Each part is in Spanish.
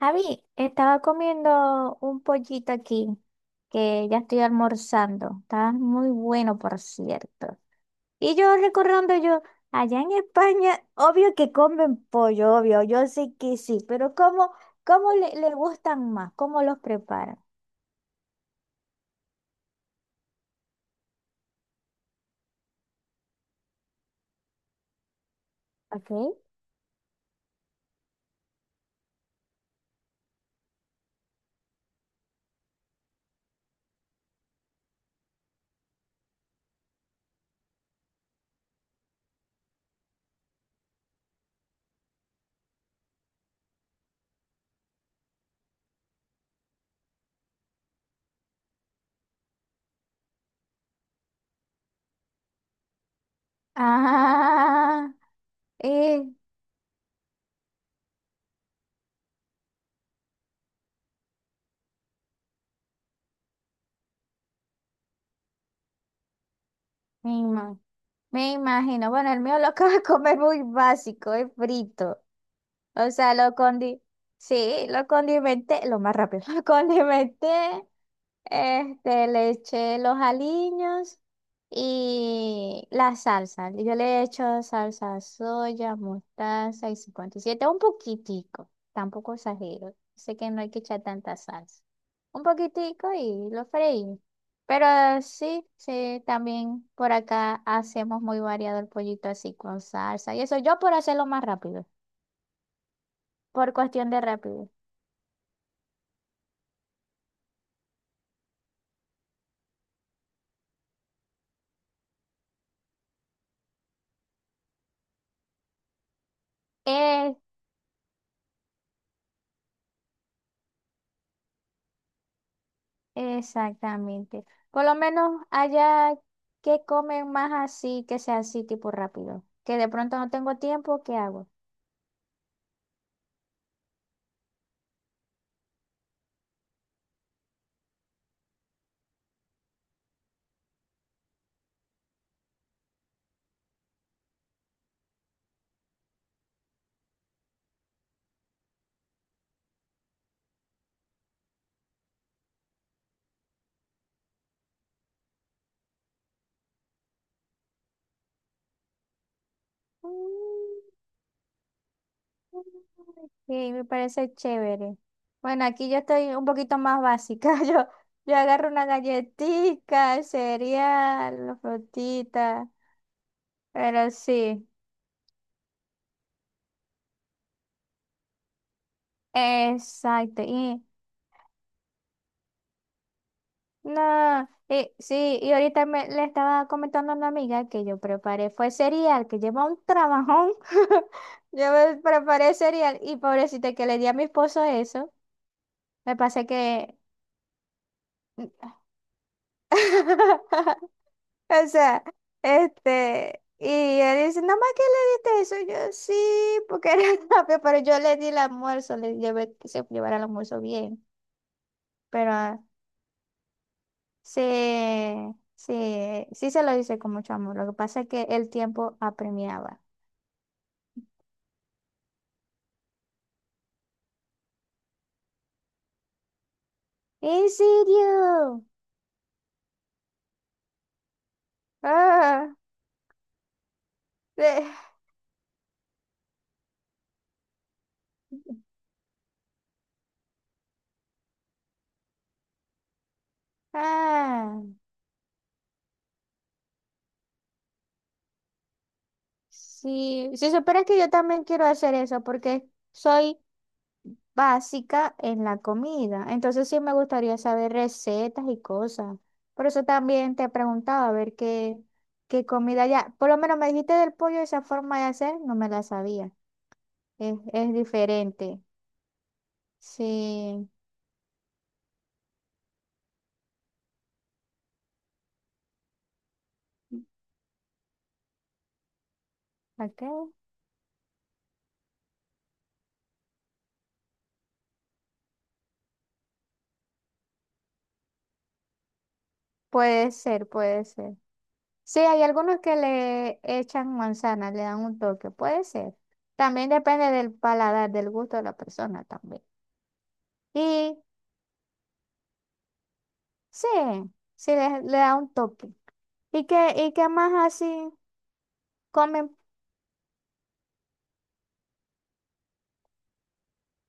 Javi, estaba comiendo un pollito aquí, que ya estoy almorzando. Está muy bueno, por cierto. Y yo recordando yo, allá en España, obvio que comen pollo, obvio, yo sé que sí, pero ¿cómo, cómo le gustan más? ¿Cómo los preparan? ¿Ok? Ah, eh, me ima- Me imagino. Bueno, el mío lo acabo de comer muy básico, es frito. O sea, sí, lo condimenté, lo más rápido, lo condimenté, este, le eché los aliños y la salsa. Yo le he hecho salsa soya, mostaza y 57 un poquitico, tampoco exagero. Sé que no hay que echar tanta salsa. Un poquitico y lo freí. Pero sí, sí, también por acá hacemos muy variado el pollito así con salsa. Y eso yo por hacerlo más rápido, por cuestión de rapidez. Eh, Exactamente. Por lo menos allá que comen más así, que sea así tipo rápido. Que de pronto no tengo tiempo, ¿qué hago? Mm, sí, me parece chévere. Bueno, aquí yo estoy un poquito más básica. Yo agarro una galletita, el cereal, la frutita, pero sí, exacto. Y no, sí, y ahorita me, le estaba comentando a una amiga que yo preparé, fue cereal, que lleva un trabajón. Yo me preparé cereal y pobrecita que le di a mi esposo eso. Me pasa que, o sea, este, y él dice, nada más que le diste eso, yo sí, porque era rápido, pero yo le di el almuerzo, le llevé que se llevara el almuerzo bien, pero sí, sí, sí se lo hice con mucho amor. Lo que pasa es que el tiempo apremiaba. ¿En serio? Ah, eh, ah, sí. Si supieras que yo también quiero hacer eso porque soy básica en la comida. Entonces sí, me gustaría saber recetas y cosas. Por eso también te preguntaba a ver qué, qué comida ya. Por lo menos me dijiste del pollo, esa forma de hacer, no me la sabía. Es diferente. Sí. Ok, puede ser, puede ser. Sí, hay algunos que le echan manzana, le dan un toque, puede ser. También depende del paladar, del gusto de la persona también. Y sí, sí le da un toque. Y qué más así comen?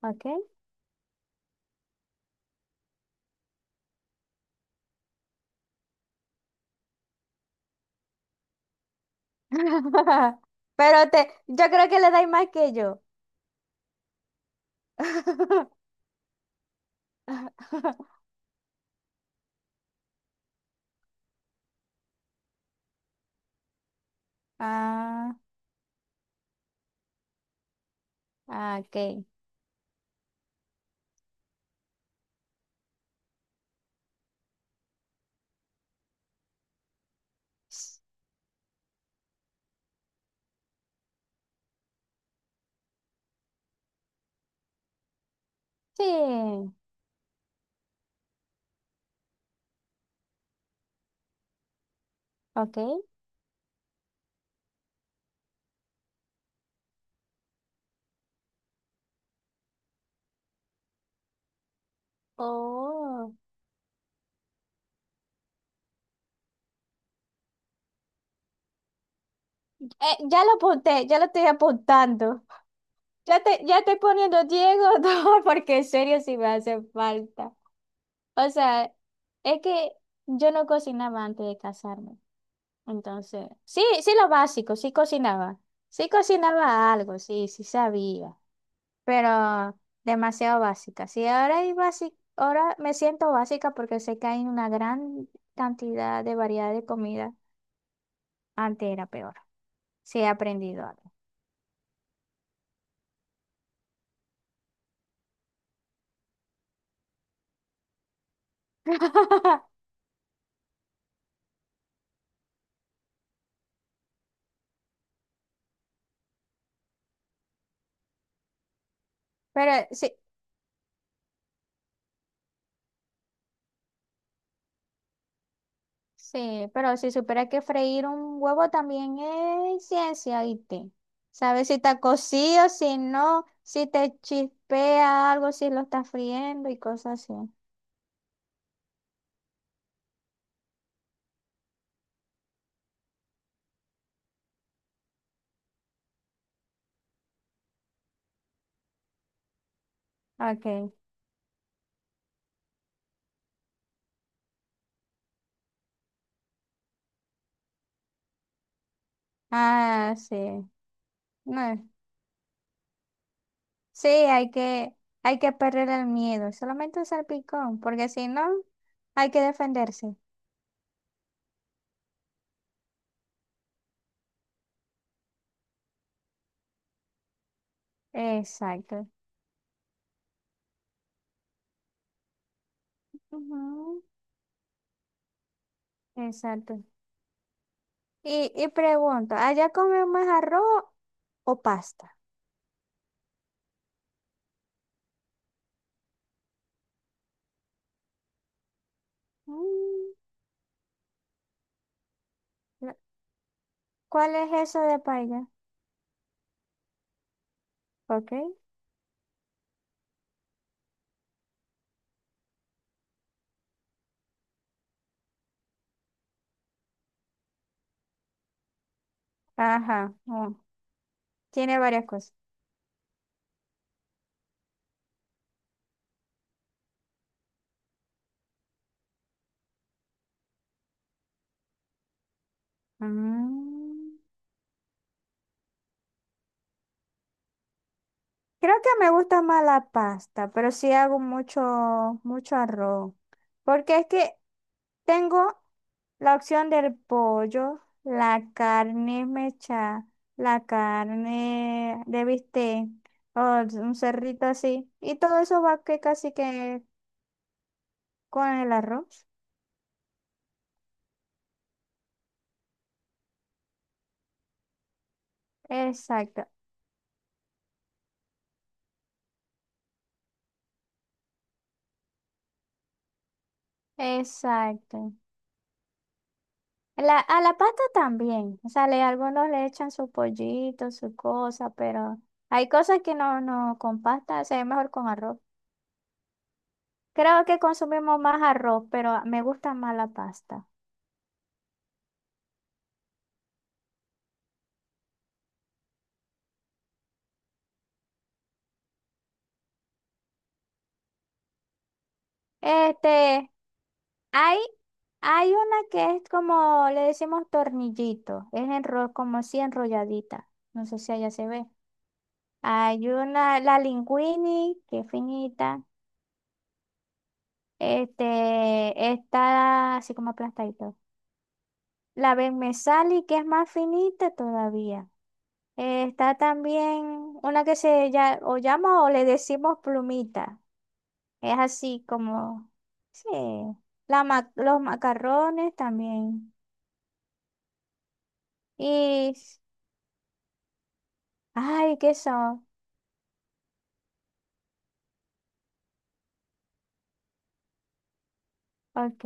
Ok. Pero te, yo creo que le dais más que yo. Ah, ah, ok. Sí, ok. Oh. Ya lo apunté, ya lo estoy apuntando. Ya te, ya estoy poniendo Diego no, porque en serio sí me hace falta. O sea, es que yo no cocinaba antes de casarme. Entonces, sí, sí lo básico, sí cocinaba. Sí cocinaba algo, sí, sí sabía. Pero demasiado básica. Sí, ahora hay básica, ahora me siento básica porque sé que hay una gran cantidad de variedad de comida. Antes era peor. Sí, he aprendido algo. Pero sí, sí, pero si supiera que freír un huevo también es ciencia, ¿viste? Sabes si está cocido, si no, si te chispea algo, si lo está friendo y cosas así. Ok. Ah, sí. No, es- sí, hay que perder el miedo, solamente un salpicón, porque si no, hay que defenderse. Exacto. Ujú, exacto. Y pregunto, ¿allá comen más arroz o pasta? Mm, ¿cuál es eso de paella? Ok. Ajá, oh, tiene varias cosas. Mm, creo que me gusta más la pasta, pero sí hago mucho, mucho arroz. Porque es que tengo la opción del pollo, la carne mecha, la carne de bistec, o un cerrito así. Y todo eso va que casi que con el arroz. Exacto, exacto. La, a la pasta también, o sea, le- algunos le echan su pollito, su cosa, pero hay cosas que no, no con pasta, se ve mejor con arroz. Creo que consumimos más arroz, pero me gusta más la pasta. Este, hay, hay una que es como, le decimos tornillito, es enro- como así enrolladita, no sé si allá se ve. Hay una, la linguini, que es finita, este, está así como aplastadito. La Ben me que es más finita todavía. Está también una que se ya, o llama o le decimos plumita. Es así como, sí, la ma- los macarrones también. Y, ay, ¿qué son? Ok,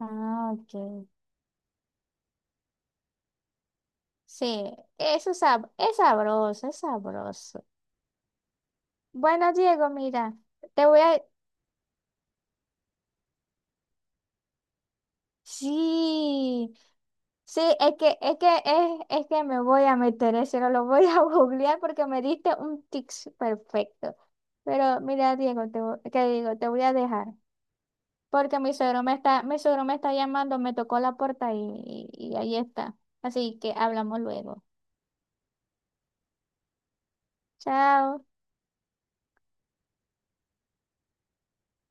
ah, ok. Sí, eso es, sab- es sabroso, es sabroso. Bueno, Diego, mira, te voy a... Sí. Sí, es que, es que, es que me voy a meter eso, no lo voy a googlear porque me diste un tics perfecto. Pero mira, Diego, te, vo- ¿qué digo? Te voy a dejar. Porque mi suegro me está, mi suegro me está llamando, me tocó la puerta y ahí está. Así que hablamos luego. Chao.